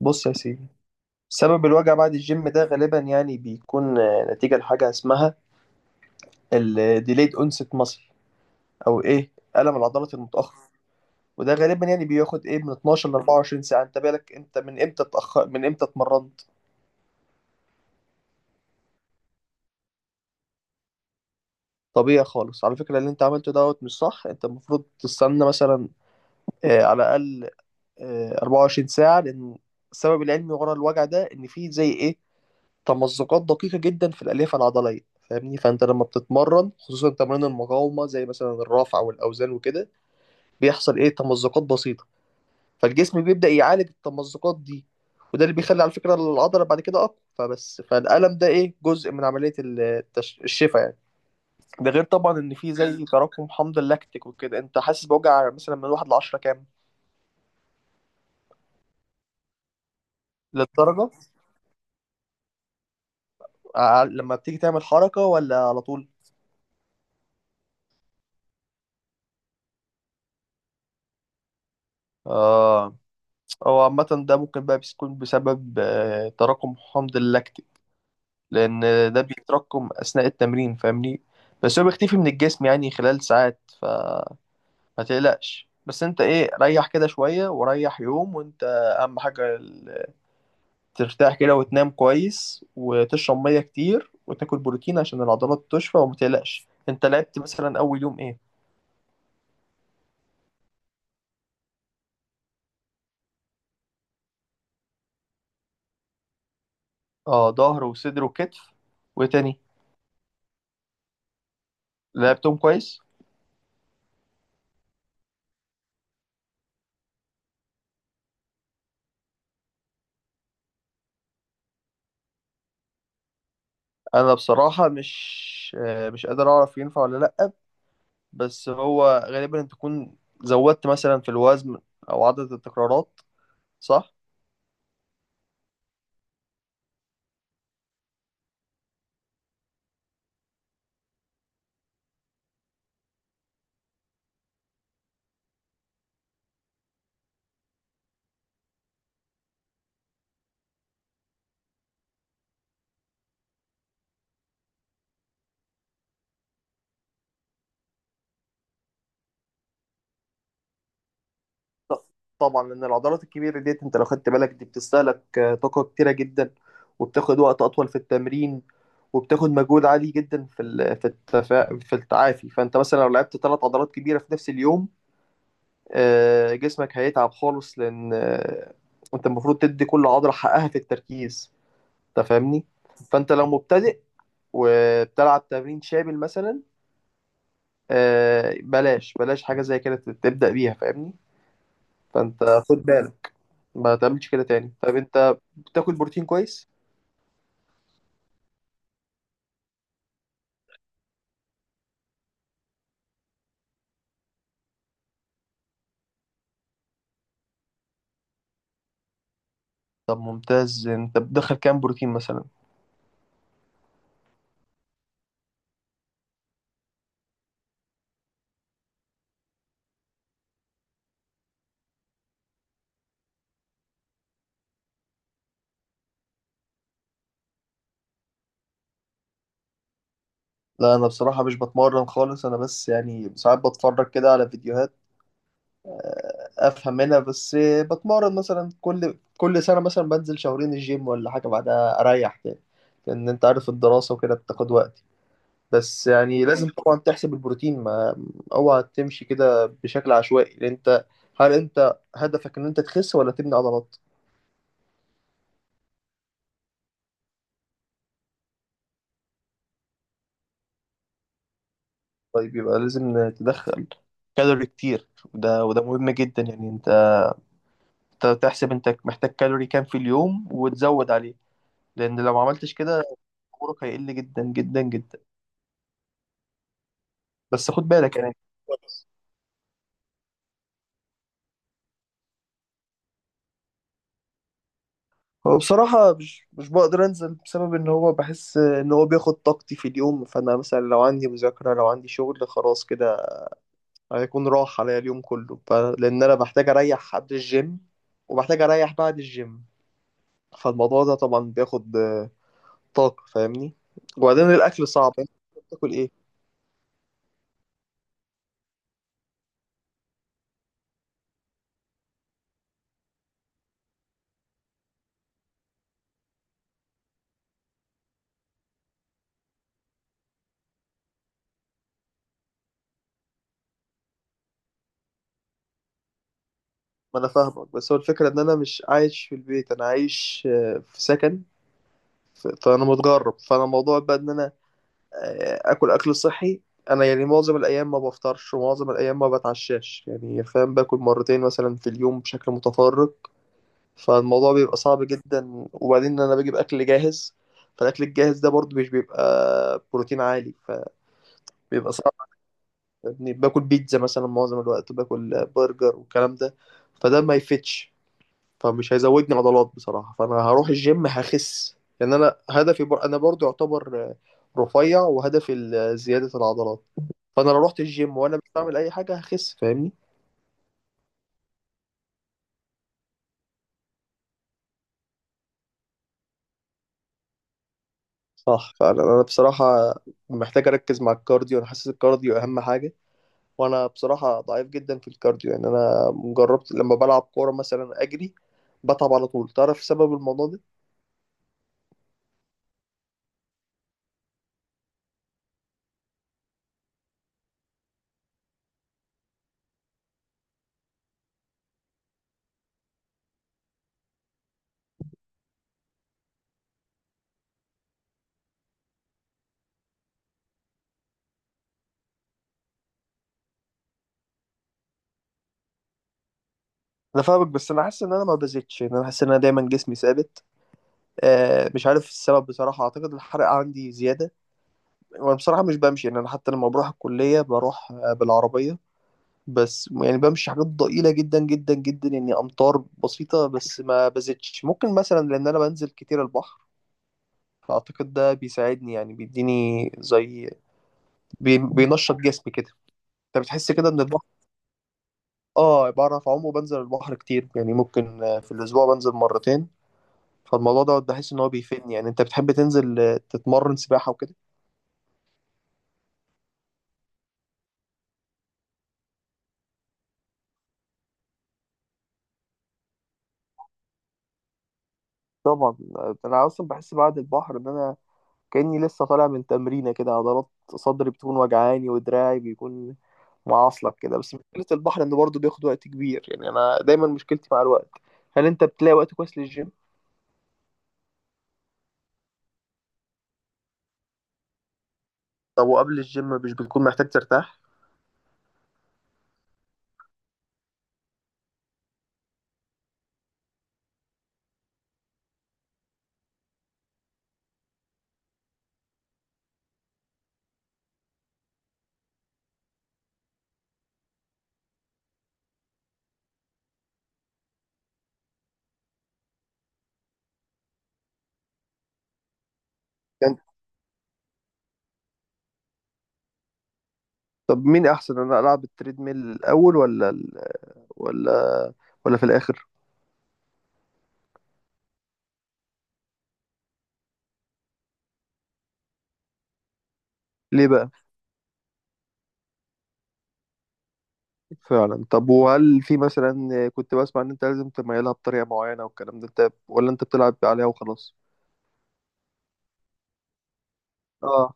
بص يا سيدي، سبب الوجع بعد الجيم ده غالبا يعني بيكون نتيجة لحاجة اسمها ال delayed onset muscle أو إيه، ألم العضلات المتأخر. وده غالبا يعني بياخد إيه من 12 ل 24 ساعة. أنت بالك من إمتى اتمرنت؟ طبيعي خالص على فكرة، اللي أنت عملته دوت مش صح. أنت المفروض تستنى مثلا على الأقل 24 ساعة، لأن السبب العلمي ورا الوجع ده إن فيه زي إيه، تمزقات دقيقة جدا في الألياف العضلية. فاهمني؟ فأنت لما بتتمرن، خصوصا تمارين المقاومة زي مثلا الرفع والأوزان وكده، بيحصل إيه، تمزقات بسيطة، فالجسم بيبدأ يعالج التمزقات دي، وده اللي بيخلي على فكرة العضلة بعد كده أقوى. فبس فالألم ده إيه، جزء من عملية الشفاء يعني. ده غير طبعا إن في زي تراكم حمض اللاكتيك وكده. أنت حاسس بوجع مثلا من واحد لعشرة كام؟ للدرجة لما بتيجي تعمل حركة، ولا على طول؟ اه، هو عامة ده ممكن بقى بيكون بسبب تراكم حمض اللاكتيك، لأن ده بيتراكم أثناء التمرين. فاهمني؟ بس هو بيختفي من الجسم يعني خلال ساعات، فما تقلقش. بس انت ايه، ريح كده شوية وريح يوم، وانت أهم حاجة ترتاح كده وتنام كويس وتشرب مية كتير وتاكل بروتين عشان العضلات تشفى. وما تقلقش. انت لعبت مثلا أول يوم ايه؟ اه، ظهر وصدر وكتف، وإيه تاني؟ لعبتهم كويس؟ انا بصراحة مش قادر اعرف ينفع ولا لأ، بس هو غالبا انت تكون زودت مثلا في الوزن او عدد التكرارات، صح؟ ط- طبعا، لان العضلات الكبيرة ديت، انت لو خدت بالك، دي بتستهلك طاقة كتيرة جدا، وبتاخد وقت اطول في التمرين، وبتاخد مجهود عالي جدا في في في التعافي. فانت مثلا لو لعبت ثلاث عضلات كبيرة في نفس اليوم، جسمك هيتعب خالص، لان انت المفروض تدي كل عضلة حقها في التركيز، انت فاهمني؟ فانت لو مبتدئ وبتلعب تمرين شامل مثلا، بلاش بلاش حاجه زي كده تبدا بيها، فاهمني؟ فانت خد بالك ما تعملش كده تاني. طب انت بتاكل بروتين كويس؟ طب ممتاز، انت بتدخل كام بروتين مثلا؟ لا، انا بصراحه مش بتمرن خالص. انا بس يعني ساعات بتفرج كده على فيديوهات، افهم منها. بس بتمرن مثلا كل سنه مثلا، بنزل شهرين الجيم ولا حاجه، بعدها اريح كده، لان انت عارف الدراسه وكده بتاخد وقت. بس يعني لازم ماشي طبعا تحسب البروتين، ما اوعى تمشي كده بشكل عشوائي، لان انت، هل انت هدفك ان انت تخس ولا تبني عضلات؟ طيب يبقى لازم تدخل كالوري كتير، وده مهم جدا يعني. انت تحسب انت محتاج كالوري كام في اليوم وتزود عليه، لان لو ما عملتش كده عمرك هيقل جدا جدا جدا. بس خد بالك يعني. هو بصراحة مش بقدر أنزل بسبب إن هو بحس إن هو بياخد طاقتي في اليوم. فأنا مثلا لو عندي مذاكرة، لو عندي شغل، خلاص كده هيكون راح عليا اليوم كله. لان انا بحتاج اريح قبل الجيم، وبحتاج اريح بعد الجيم، فالموضوع ده طبعا بياخد طاقة، فاهمني؟ وبعدين الاكل صعب يعني. أنت بتاكل ايه؟ ما انا فاهمك، بس هو الفكرة ان انا مش عايش في البيت، انا عايش في سكن. فانا متغرب، فانا موضوع بقى ان انا اكل صحي. انا يعني معظم الايام ما بفطرش ومعظم الايام ما بتعشاش يعني، فاهم؟ باكل مرتين مثلا في اليوم بشكل متفرق، فالموضوع بيبقى صعب جدا. وبعدين انا بجيب اكل جاهز، فالاكل الجاهز ده برضو مش بيبقى بروتين عالي، فبيبقى صعب. يعني باكل بيتزا مثلا معظم الوقت، باكل برجر والكلام ده، فده ما يفتش، فمش هيزودني عضلات بصراحة. فانا هروح الجيم هخس، لان انا انا برضو يعتبر رفيع، وهدفي زيادة العضلات. فانا لو رحت الجيم وانا مش بعمل اي حاجة هخس، فاهمني؟ صح، فانا بصراحة محتاج اركز مع الكارديو. انا حاسس الكارديو اهم حاجة. وانا بصراحه ضعيف جدا في الكارديو، يعني انا جربت لما بلعب كوره مثلا اجري، بتعب على طول. تعرف سبب الموضوع ده؟ انا فاهمك، بس انا حاسس ان انا ما بزيدش، يعني انا حاسس ان انا دايما جسمي ثابت، آه، مش عارف السبب بصراحه. اعتقد الحرق عندي زياده. وانا بصراحه مش بمشي، يعني انا حتى لما بروح الكليه بروح بالعربيه، بس يعني بمشي حاجات ضئيله جدا جدا جدا يعني، امتار بسيطه بس، ما بزيدش. ممكن مثلا لان انا بنزل كتير البحر، فاعتقد ده بيساعدني، يعني بيديني زي، بينشط جسمي كده. انت بتحس كده ان البحر؟ اه، بعرف اعوم وبنزل البحر كتير، يعني ممكن في الاسبوع بنزل مرتين، فالموضوع ده بحس ان هو بيفيدني. يعني انت بتحب تنزل تتمرن سباحة وكده؟ طبعا. انا اصلا بحس بعد البحر ان انا كاني لسه طالع من تمرينه كده. عضلات صدري بتكون وجعاني ودراعي بيكون معصلك كده، بس مشكله البحر انه برضه بياخد وقت كبير، يعني انا دايما مشكلتي مع الوقت. هل انت بتلاقي وقت كويس للجيم؟ طب وقبل الجيم مش بتكون محتاج ترتاح؟ يعني طب مين احسن، انا العب التريدميل الاول، ولا ال... ولا ولا في الاخر؟ ليه بقى؟ فعلا. طب وهل في مثلا، كنت بسمع ان انت لازم تميلها بطريقه معينه والكلام ده، انت ولا انت بتلعب عليها وخلاص؟ اه.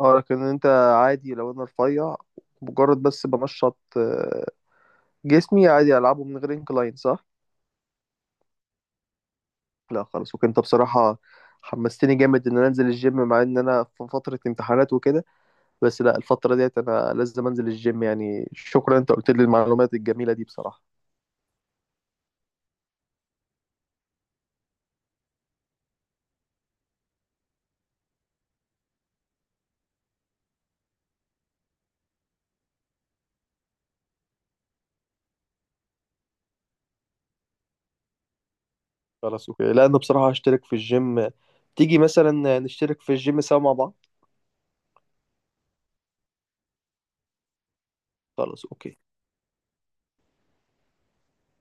اه لكن انت، عادي لو انا رفيع مجرد بس بنشط جسمي، عادي العبه من غير انكلاين، صح؟ لا خلاص. وكنت بصراحه حمستني جامد ان انا انزل الجيم، مع ان انا في فتره امتحانات وكده، بس لا، الفتره ديت انا لازم انزل الجيم يعني. شكرا، انت قلت لي المعلومات الجميله دي بصراحه. خلاص اوكي. لا انا بصراحة هشترك في الجيم. تيجي مثلا نشترك في الجيم سوا مع بعض؟ خلاص اوكي.